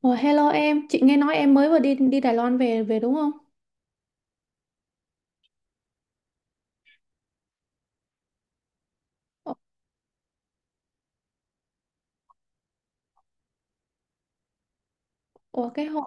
Ủa, hello em, chị nghe nói em mới vừa đi đi Đài Loan về về đúng không? Ủa, ủa, cái hôm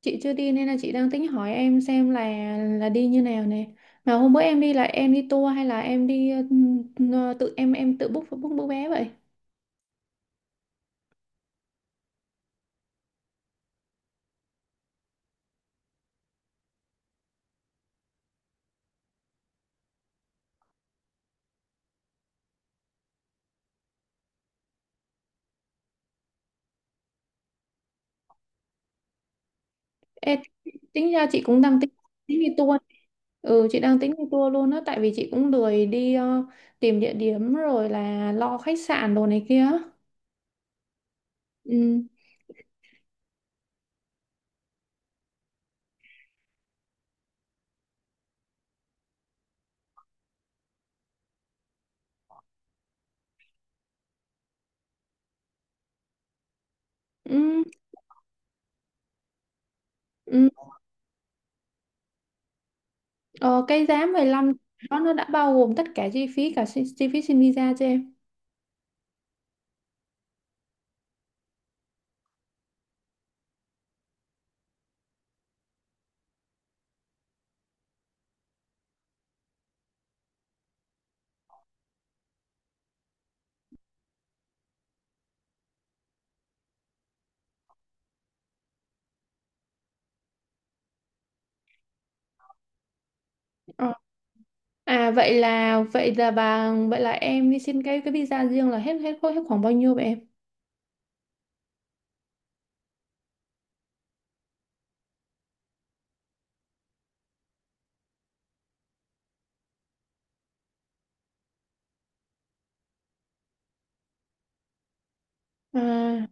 chị chưa đi nên là chị đang tính hỏi em xem là đi như nào nè. Mà hôm bữa em đi là em đi tour hay là em đi tự em tự book book book vé vậy? Ê, tính ra chị cũng đang tính tính đi tour. Ừ, chị đang tính đi tour luôn á, tại vì chị cũng lười đi tìm địa điểm rồi là lo khách sạn đồ này kia. Ừ. Ừ. Ừ. Ờ, cái giá 15 đó nó đã bao gồm tất cả chi phí, cả chi phí xin visa cho em. Ờ. À, vậy là em đi xin cái visa riêng là hết hết hết khoảng bao nhiêu vậy em? À,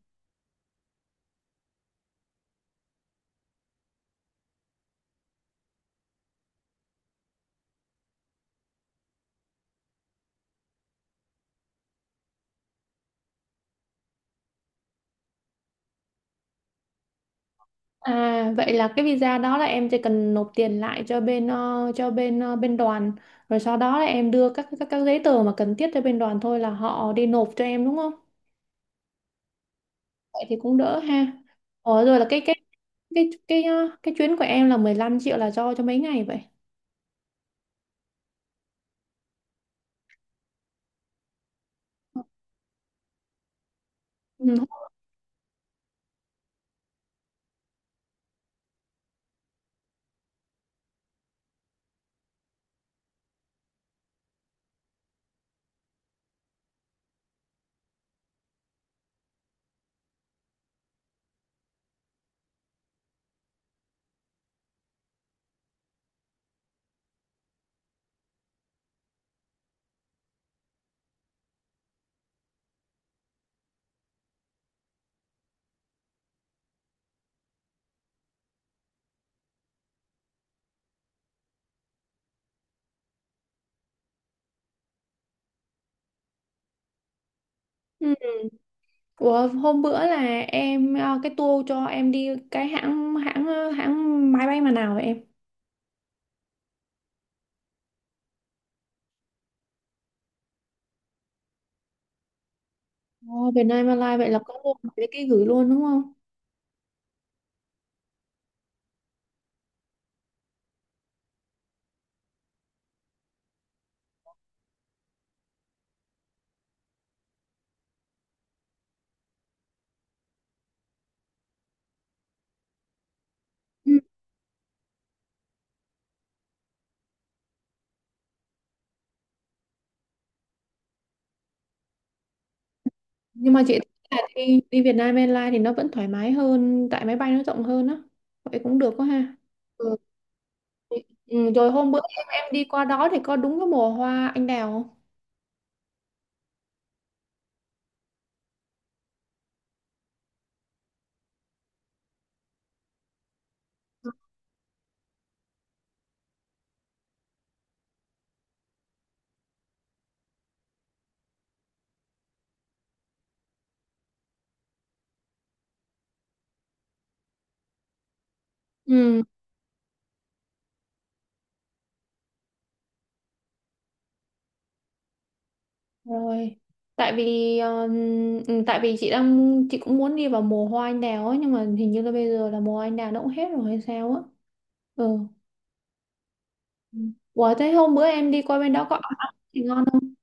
à, vậy là cái visa đó là em chỉ cần nộp tiền lại cho bên đoàn, rồi sau đó là em đưa các giấy tờ mà cần thiết cho bên đoàn thôi là họ đi nộp cho em đúng không? Vậy thì cũng đỡ ha. Ờ, rồi là cái chuyến của em là 15 triệu là do cho mấy ngày vậy? Ừ. Ừ. Ủa, hôm bữa là em cái tour cho em đi cái hãng hãng ờ, hãng máy bay mà nào vậy em? Ồ, Việt Nam Airlines vậy là có luôn cái gửi luôn đúng không? Ừ. Nhưng mà chị thấy là đi Việt Nam Airlines thì nó vẫn thoải mái hơn tại máy bay nó rộng hơn á. Vậy cũng được quá ha. Ừ. Ừ, rồi hôm bữa em đi qua đó thì có đúng cái mùa hoa anh đào không? Ừ, rồi. Tại vì ờ, ừ, tại vì chị đang chị cũng muốn đi vào mùa hoa anh đào ấy, nhưng mà hình như là bây giờ là mùa hoa anh đào nó cũng hết rồi hay sao á. Ừ. Ủa, thế hôm bữa em đi qua bên đó có ăn thì ngon không?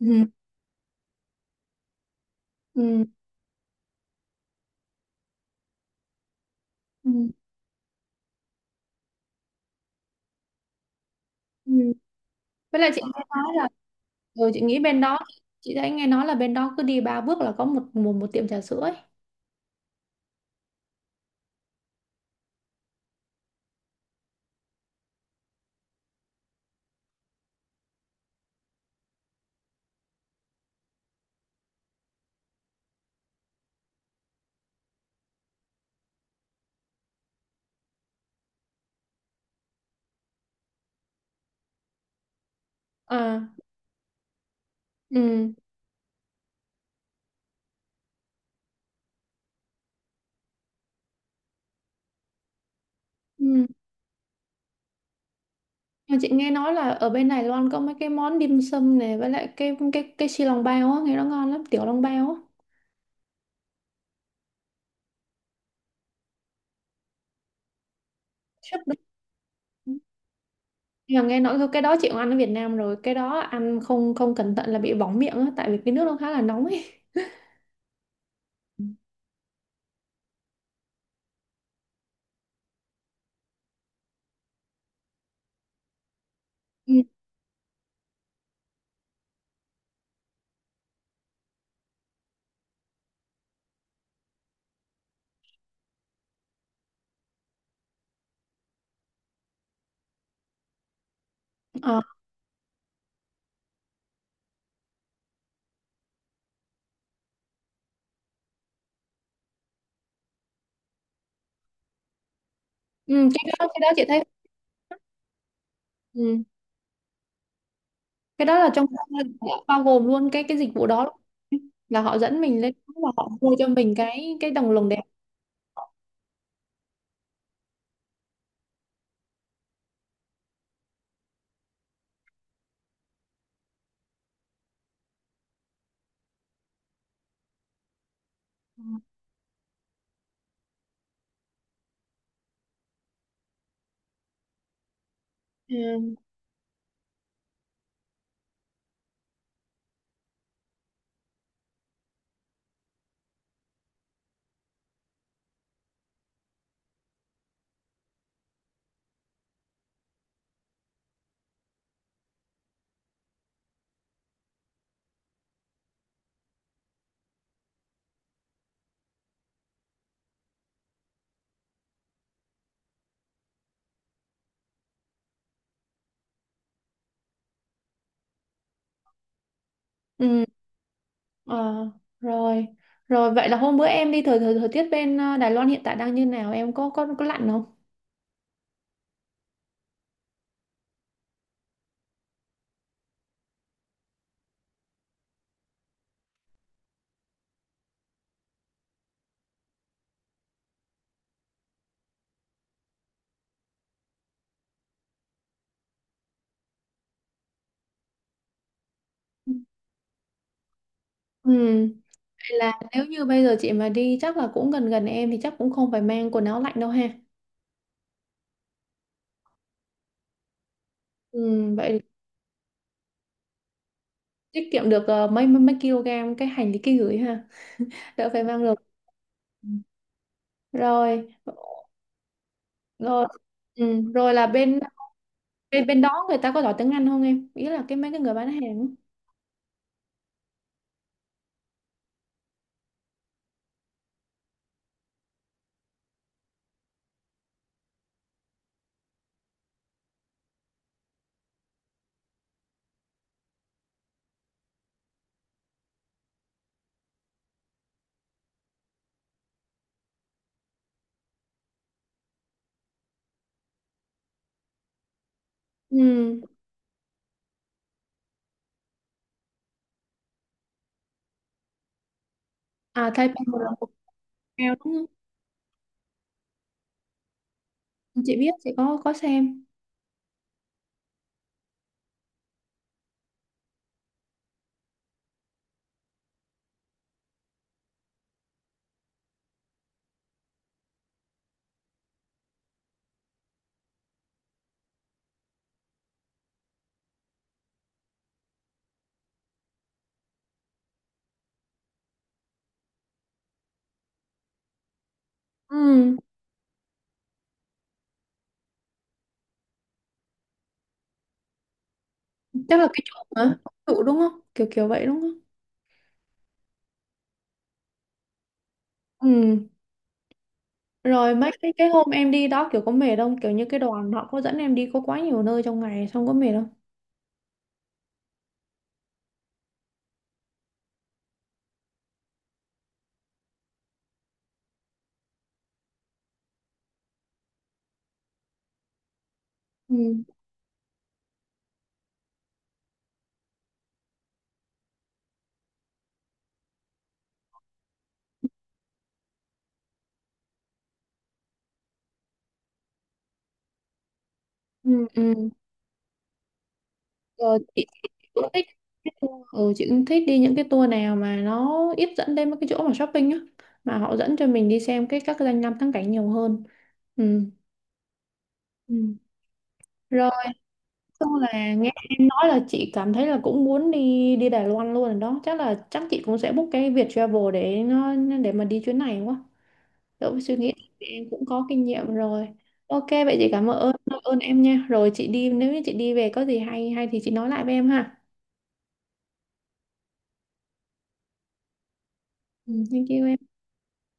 Ừ. Ừ. Ừ. Ừ. Với lại chị nghe nói là chị nghĩ bên đó, chị thấy nghe nói là bên đó cứ đi ba bước là có một một, một tiệm trà sữa ấy. À. Ừ. Ừ. Nhưng chị nghe nói là ở bên Đài Loan có mấy cái món dim sum này, với lại cái xi lòng bao á, nghe nó ngon lắm, tiểu lòng bao á. Súp đó. Nhưng mà nghe nói cái đó chị cũng ăn ở Việt Nam rồi, cái đó ăn không không cẩn thận là bị bỏng miệng á, tại vì cái nước nó khá là nóng ấy. Ừ. Ờ. Ừ, cái đó chị thấy. Ừ, cái đó là trong đó là bao gồm luôn cái dịch vụ đó, là họ dẫn mình lên đó và họ mua cho mình cái đồng lồng đèn. Ừ. Ừ. ờ, rồi rồi vậy là hôm bữa em đi thời thời, thời tiết bên Đài Loan hiện tại đang như nào, em có lạnh không? Ừ. Vậy là nếu như bây giờ chị mà đi chắc là cũng gần gần em, thì chắc cũng không phải mang quần áo lạnh đâu ha. Ừ, vậy tiết kiệm được mấy mấy mấy kg cái hành lý ký gửi ha, đỡ phải mang được. Ừ. Rồi. Rồi. Ừ, rồi là bên bên bên đó người ta có giỏi tiếng Anh không em, ý là cái mấy cái người bán hàng á. Ừ. À, Taipei 101 kèo đúng không? Chị biết, chị có xem. Ừ. Chắc là cái chỗ hả, trụ đúng không, kiểu kiểu vậy đúng không? Ừ. Rồi mấy cái hôm em đi đó kiểu có mệt không, kiểu như cái đoàn họ có dẫn em đi có quá nhiều nơi trong ngày xong có mệt không? Ừ. Ừ. Ừ. Ờ, chị cũng thích chị cũng thích đi những cái tour nào mà nó ít dẫn đến mấy cái chỗ mà shopping á, mà họ dẫn cho mình đi xem các cái danh lam thắng cảnh nhiều hơn. Ừ. Ừ. Rồi, xong là nghe em nói là chị cảm thấy là cũng muốn đi đi Đài Loan luôn rồi đó, chắc chị cũng sẽ book cái Viet Travel, để mà đi chuyến này quá, đỡ phải suy nghĩ, thì em cũng có kinh nghiệm rồi. Ok, vậy chị cảm ơn ơn em nha, rồi chị đi nếu như chị đi về có gì hay hay thì chị nói lại với em ha. Ừ, thank you em.